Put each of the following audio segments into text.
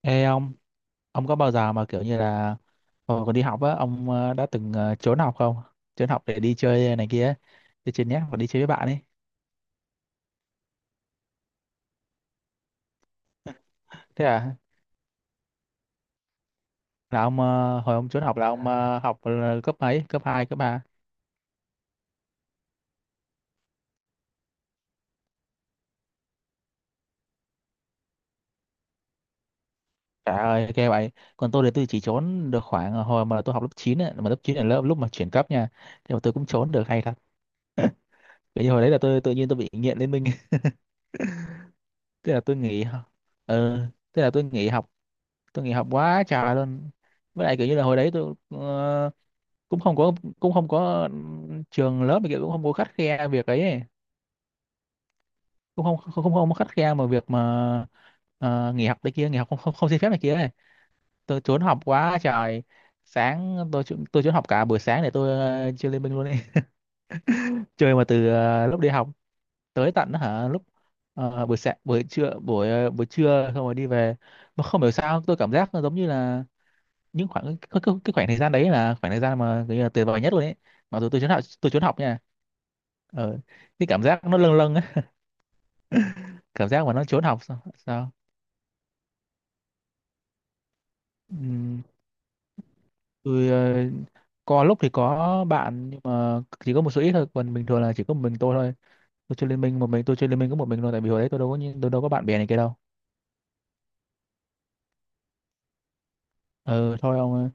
Ê ông có bao giờ mà kiểu như là hồi còn đi học á, ông đã từng trốn học không? Trốn học để đi chơi này kia, ấy, đi chơi net và đi chơi với bạn ấy. Thế à, là ông hồi ông trốn học là ông học là cấp mấy? Cấp 2, cấp 3? Trời ơi, ghê vậy. Còn tôi thì tôi chỉ trốn được khoảng hồi mà tôi học lớp 9 ấy, mà lớp 9 là lớp lúc mà chuyển cấp nha. Thì mà tôi cũng trốn được hay thật. Bởi vì hồi đấy là tôi tự nhiên tôi bị nghiện Liên Minh, thế là tôi nghỉ học. Ừ, thế là tôi nghỉ học quá trời luôn. Với lại kiểu như là hồi đấy tôi cũng không có cũng không có trường lớp này kia cũng không có khắt khe việc ấy. Cũng không có khắt khe mà việc mà nghỉ học này kia nghỉ học không không, không xin phép này kia ấy. Tôi trốn học quá trời. Sáng tôi trốn học cả buổi sáng để tôi chơi Liên Minh luôn ấy. Chơi mà từ lúc đi học tới tận hả lúc buổi sáng buổi trưa buổi trưa xong rồi đi về mà không hiểu sao tôi cảm giác nó giống như là những khoảng cái khoảng thời gian đấy là khoảng thời gian mà kiểu như là tuyệt vời nhất luôn ấy, mặc dù tôi trốn học nha. ờ cái cảm giác nó lâng lâng ấy. Cảm giác mà nó trốn học sao sao. Ừm, tôi có lúc thì có bạn nhưng mà chỉ có một số ít thôi, còn bình thường là chỉ có một mình tôi thôi. Tôi chơi liên minh một mình, tôi chơi liên minh có một mình thôi, tại vì hồi đấy tôi đâu có tôi đâu có bạn bè này kia đâu. Ừ thôi ông ơi.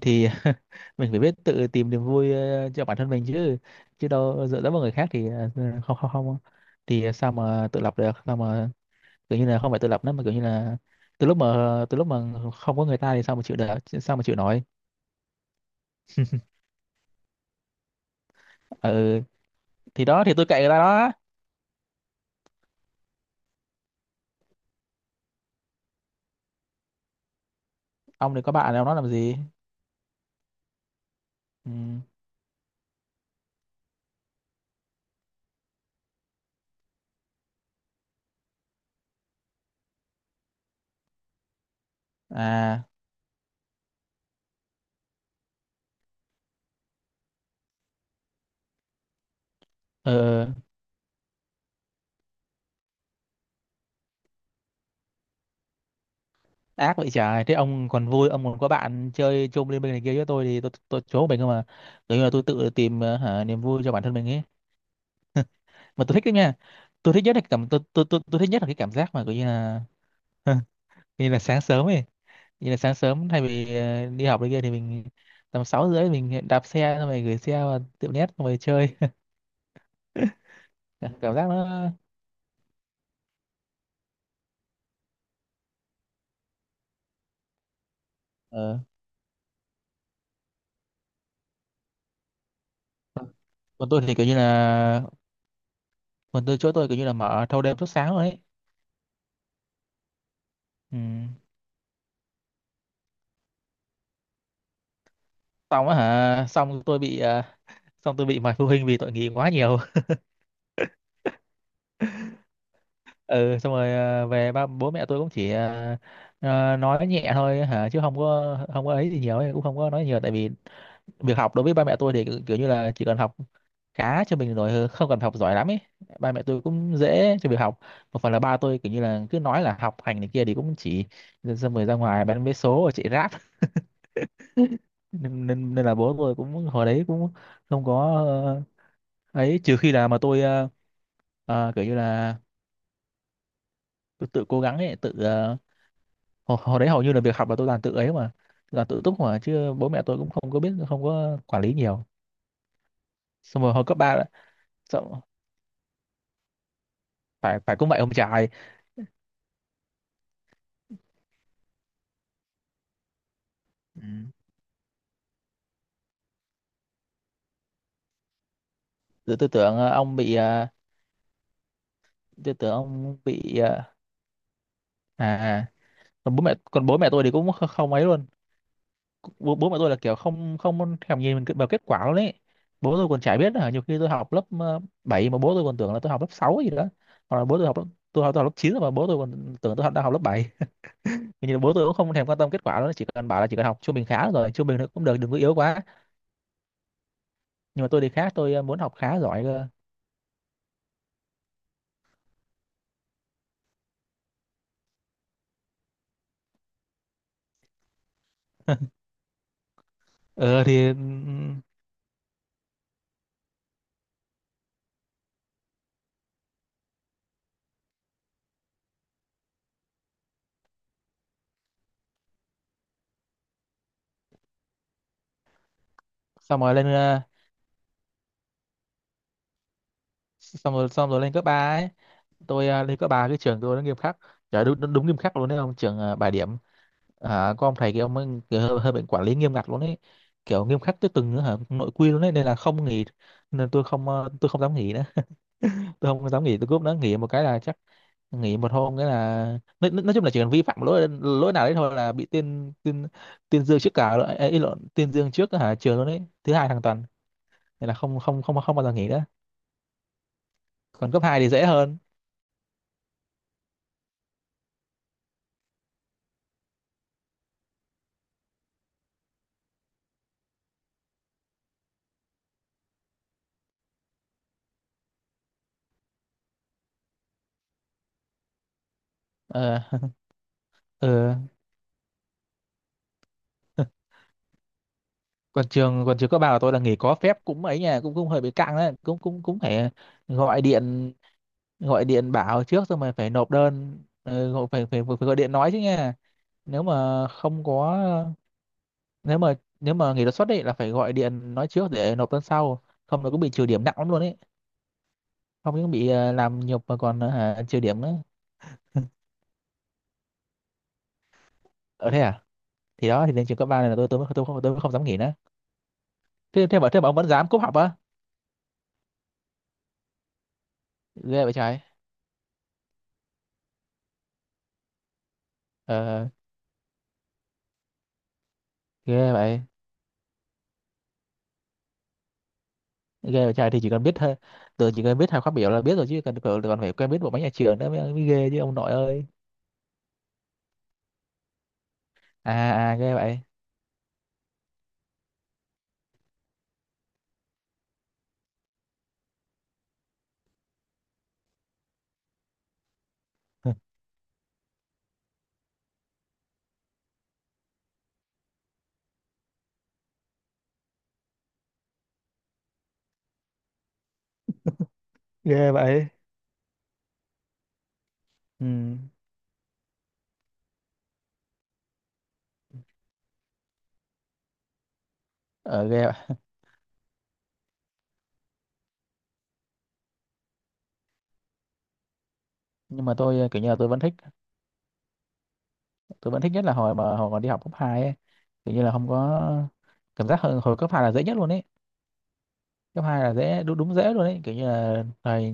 Thì mình phải biết tự tìm niềm vui cho bản thân mình chứ, chứ đâu dựa dẫm vào người khác thì không không không, thì sao mà tự lập được, sao mà kiểu như là không phải tự lập nữa mà kiểu như là từ lúc mà từ lúc mà không có người ta thì sao mà chịu được, sao mà chịu nổi. Ừ thì đó thì tôi kệ người ta đó. Ông đừng có bạn ông nó làm gì. Ừ. À. Ờ. Ác vậy trời, thế ông còn vui ông còn có bạn chơi chung liên minh này kia, với tôi thì tôi trốn mình không mà, kiểu như là tôi tự tìm niềm vui cho bản thân mình ấy, mà tôi thích đấy nha. Tôi thích nhất là cái cảm tôi thích nhất là cái cảm giác mà kiểu như là như là sáng sớm ấy, như là sáng sớm thay vì đi học này kia thì mình tầm sáu rưỡi mình đạp xe xong rồi gửi xe vào tiệm net xong rồi chơi. Cảm giác nó ờ. Còn tôi thì kiểu như là còn tôi chỗ tôi kiểu như là mở thâu đêm suốt sáng rồi ấy. Ừ. Xong á hả xong xong tôi bị mời phụ huynh vì tội nghỉ quá nhiều. Ừ xong rồi về ba bố mẹ tôi cũng chỉ nói nhẹ thôi hả, chứ không có ấy gì nhiều ấy, cũng không có nói nhiều tại vì việc học đối với ba mẹ tôi thì kiểu kiểu như là chỉ cần học khá cho mình rồi, không cần học giỏi lắm ấy. Ba mẹ tôi cũng dễ cho việc học. Một phần là ba tôi kiểu như là cứ nói là học hành này kia thì cũng chỉ xong rồi ra ngoài bán vé số rồi chạy ráp, nên nên, nên là bố tôi cũng hồi đấy cũng không có ờ, ấy, trừ khi là mà tôi kiểu như là tôi tự cố gắng ấy tự hồi đấy hầu như là việc học là tôi làm tự ấy mà, là tự túc mà, chứ bố mẹ tôi cũng không có biết, không có quản lý nhiều. Xong rồi hồi cấp ba là- xong, phải phải cũng vậy ông trai. Ừ. tôi, tôi tưởng ờ, ông bị ờ, tôi tưởng ông bị à à. Còn bố mẹ còn bố mẹ tôi thì cũng không ấy luôn. Bố mẹ tôi là kiểu không không thèm nhìn mình vào kết quả luôn đấy. Bố tôi còn chả biết là nhiều khi tôi học lớp 7 mà bố tôi còn tưởng là tôi học lớp 6 gì đó, hoặc là bố tôi học lớp, tôi học lớp 9 mà bố tôi còn tưởng tôi học, đang học lớp bảy. Nhưng mà bố tôi cũng không thèm quan tâm kết quả đó, chỉ cần bảo là chỉ cần học trung bình khá rồi, trung bình thôi cũng được, đừng có yếu quá. Nhưng mà tôi thì khác, tôi muốn học khá giỏi cơ. ờ thì Xong rồi lên xong rồi lên cấp ba ấy, tôi lên cấp ba cái trường tôi nó nghiêm khắc. Trời đúng nghiêm khắc luôn đấy, không trường bài điểm. À, có ông thầy kia ông ấy kiểu hơi bệnh quản lý nghiêm ngặt luôn ấy, kiểu nghiêm khắc tới từng hả, nội quy luôn ấy nên là không nghỉ, nên tôi không ờ, tôi không dám nghỉ nữa. Tôi không dám nghỉ tôi cúp nữa, nghỉ một cái là chắc nghỉ một hôm cái là nói chung là chỉ cần vi phạm lỗi lỗi nào đấy thôi là bị tuyên tuyên tuyên dương trước cả ấy, ấy, ý lộn tuyên dương trước hả trường luôn đấy thứ hai hàng tuần, nên là không không không không bao giờ nghỉ nữa. Còn cấp hai thì dễ hơn. Ờ. Ờ. Còn trường còn trường cấp ba của tôi là nghỉ có phép cũng ấy nha, cũng cũng hơi bị căng đấy, cũng cũng cũng phải gọi điện gọi điện bảo trước xong rồi phải nộp đơn gọi- phải, phải phải gọi điện nói chứ nha. Nếu mà không có, nếu mà nếu mà nghỉ đột xuất ấy là phải gọi điện nói trước để nộp đơn sau, không nó cũng bị trừ điểm nặng lắm luôn ấy, không những bị làm nhục mà còn trừ điểm nữa. Ở thế à, thì đó thì lên trường cấp ba này là tôi mới không dám nghỉ nữa. Thế thế mà thế mà ông vẫn dám cúp học á. Ghê vậy trời. Ờ, ghê vậy. Ghê vậy trời, thì chỉ cần biết thôi, tôi chỉ cần biết hai khóa biểu là biết rồi chứ cần còn phải quen biết bộ máy nhà trường nữa mới ghê chứ ông nội ơi. À à, ghê vậy. Ghê vậy. Ừ. Ở ghê vậy. Nhưng mà tôi kiểu như là tôi vẫn thích, tôi vẫn thích nhất là hồi mà đi học cấp 2, ấy, kiểu như là không có cảm giác hồi cấp 2 là dễ nhất luôn ấy, cấp 2 là dễ đúng dễ luôn ấy, kiểu như là thời,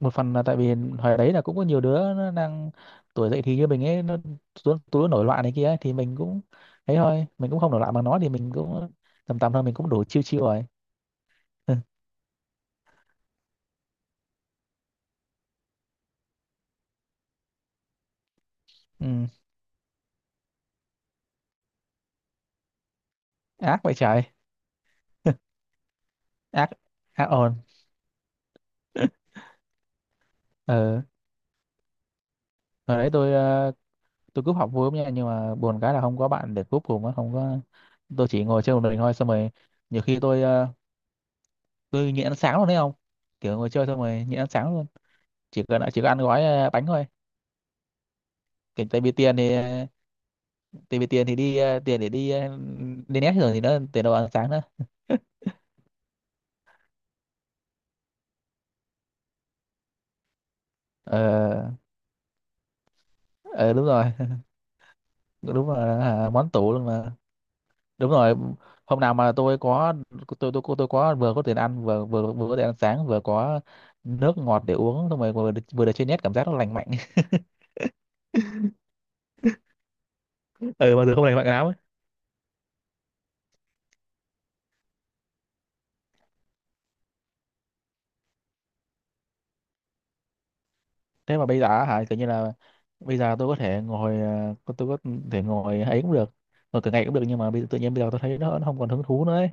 một phần là tại vì hồi đấy là cũng có nhiều đứa nó đang tuổi dậy thì như mình ấy, nó tụi tụi nó nổi loạn này kia ấy, thì mình cũng ấy thôi, mình cũng không nổi loạn bằng nó thì mình cũng tầm tầm thôi, mình cũng đủ chiêu chiêu rồi. Ừ. Ác vậy trời. Ác ác ồn. Ừ. Hồi đấy tôi tôi cúp học vui lắm nha, nhưng mà buồn cái là không có bạn để cúp cùng á, không có, tôi chỉ ngồi chơi một mình thôi. Xong rồi nhiều khi tôi tôi nhịn ăn sáng luôn đấy không, kiểu ngồi chơi xong rồi nhịn ăn sáng luôn, chỉ cần chỉ có ăn gói bánh thôi, kiểu tại vì tại vì tiền thì tiền để đi nét rồi thì nó tiền đâu ăn sáng nữa. Ờ, ờ, đúng rồi, đúng là à, món tủ luôn mà, đúng rồi. Hôm nào mà tôi có, tôi có vừa có tiền ăn vừa vừa vừa có tiền ăn sáng vừa có nước ngọt để uống xong rồi vừa được chơi net, cảm giác nó lành mạnh. Ừ mà từ không này mặc áo ấy. Thế mà bây giờ á hả kiểu như là bây giờ tôi có thể ngồi tôi có thể ngồi ấy cũng được, ngồi cả ngày cũng được, nhưng mà bây giờ, tự nhiên bây giờ tôi thấy nó không còn hứng thú nữa ấy.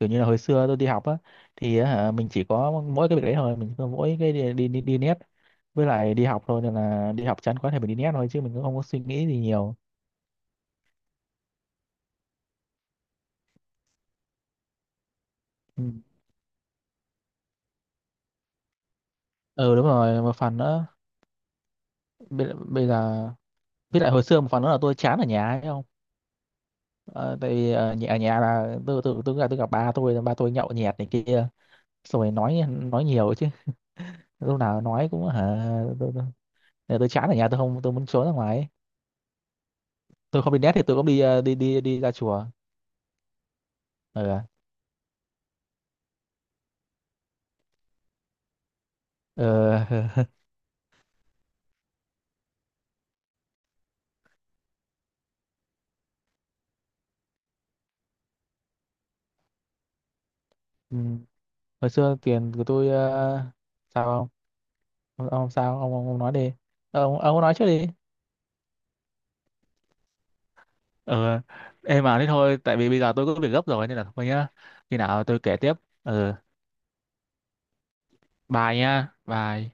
Kiểu như là hồi xưa tôi đi học á, thì á hả mình chỉ có mỗi cái việc đấy thôi, mình có mỗi cái đi nét với lại đi học thôi, nên là đi học chán quá thì mình đi nét thôi, chứ mình cũng không có suy nghĩ gì nhiều. Ừ, ừ đúng rồi một phần nữa. Bây giờ, với lại hồi xưa một phần nữa là tôi chán ở nhà ấy không. Ờ, tại vì ở nhà là tôi gặp ba tôi, ba tôi nhậu nhẹt này kia xong rồi nói nhiều chứ, lúc nào nói cũng hả. tôi, tôi, chán ở nhà, tôi không, tôi muốn trốn ra ngoài ấy. Tôi không đi net thì tôi cũng đi đi ra chùa. Ờ. Ờ. Ừ. Hồi xưa tiền của tôi sao không? Ông, ông sao ông nói đi. Ờ, ông nói trước đi. Ờ em mà thế thôi, tại vì bây giờ tôi có việc gấp rồi nên là thôi nhá, khi nào tôi kể tiếp. Ờ bye nhá, bye.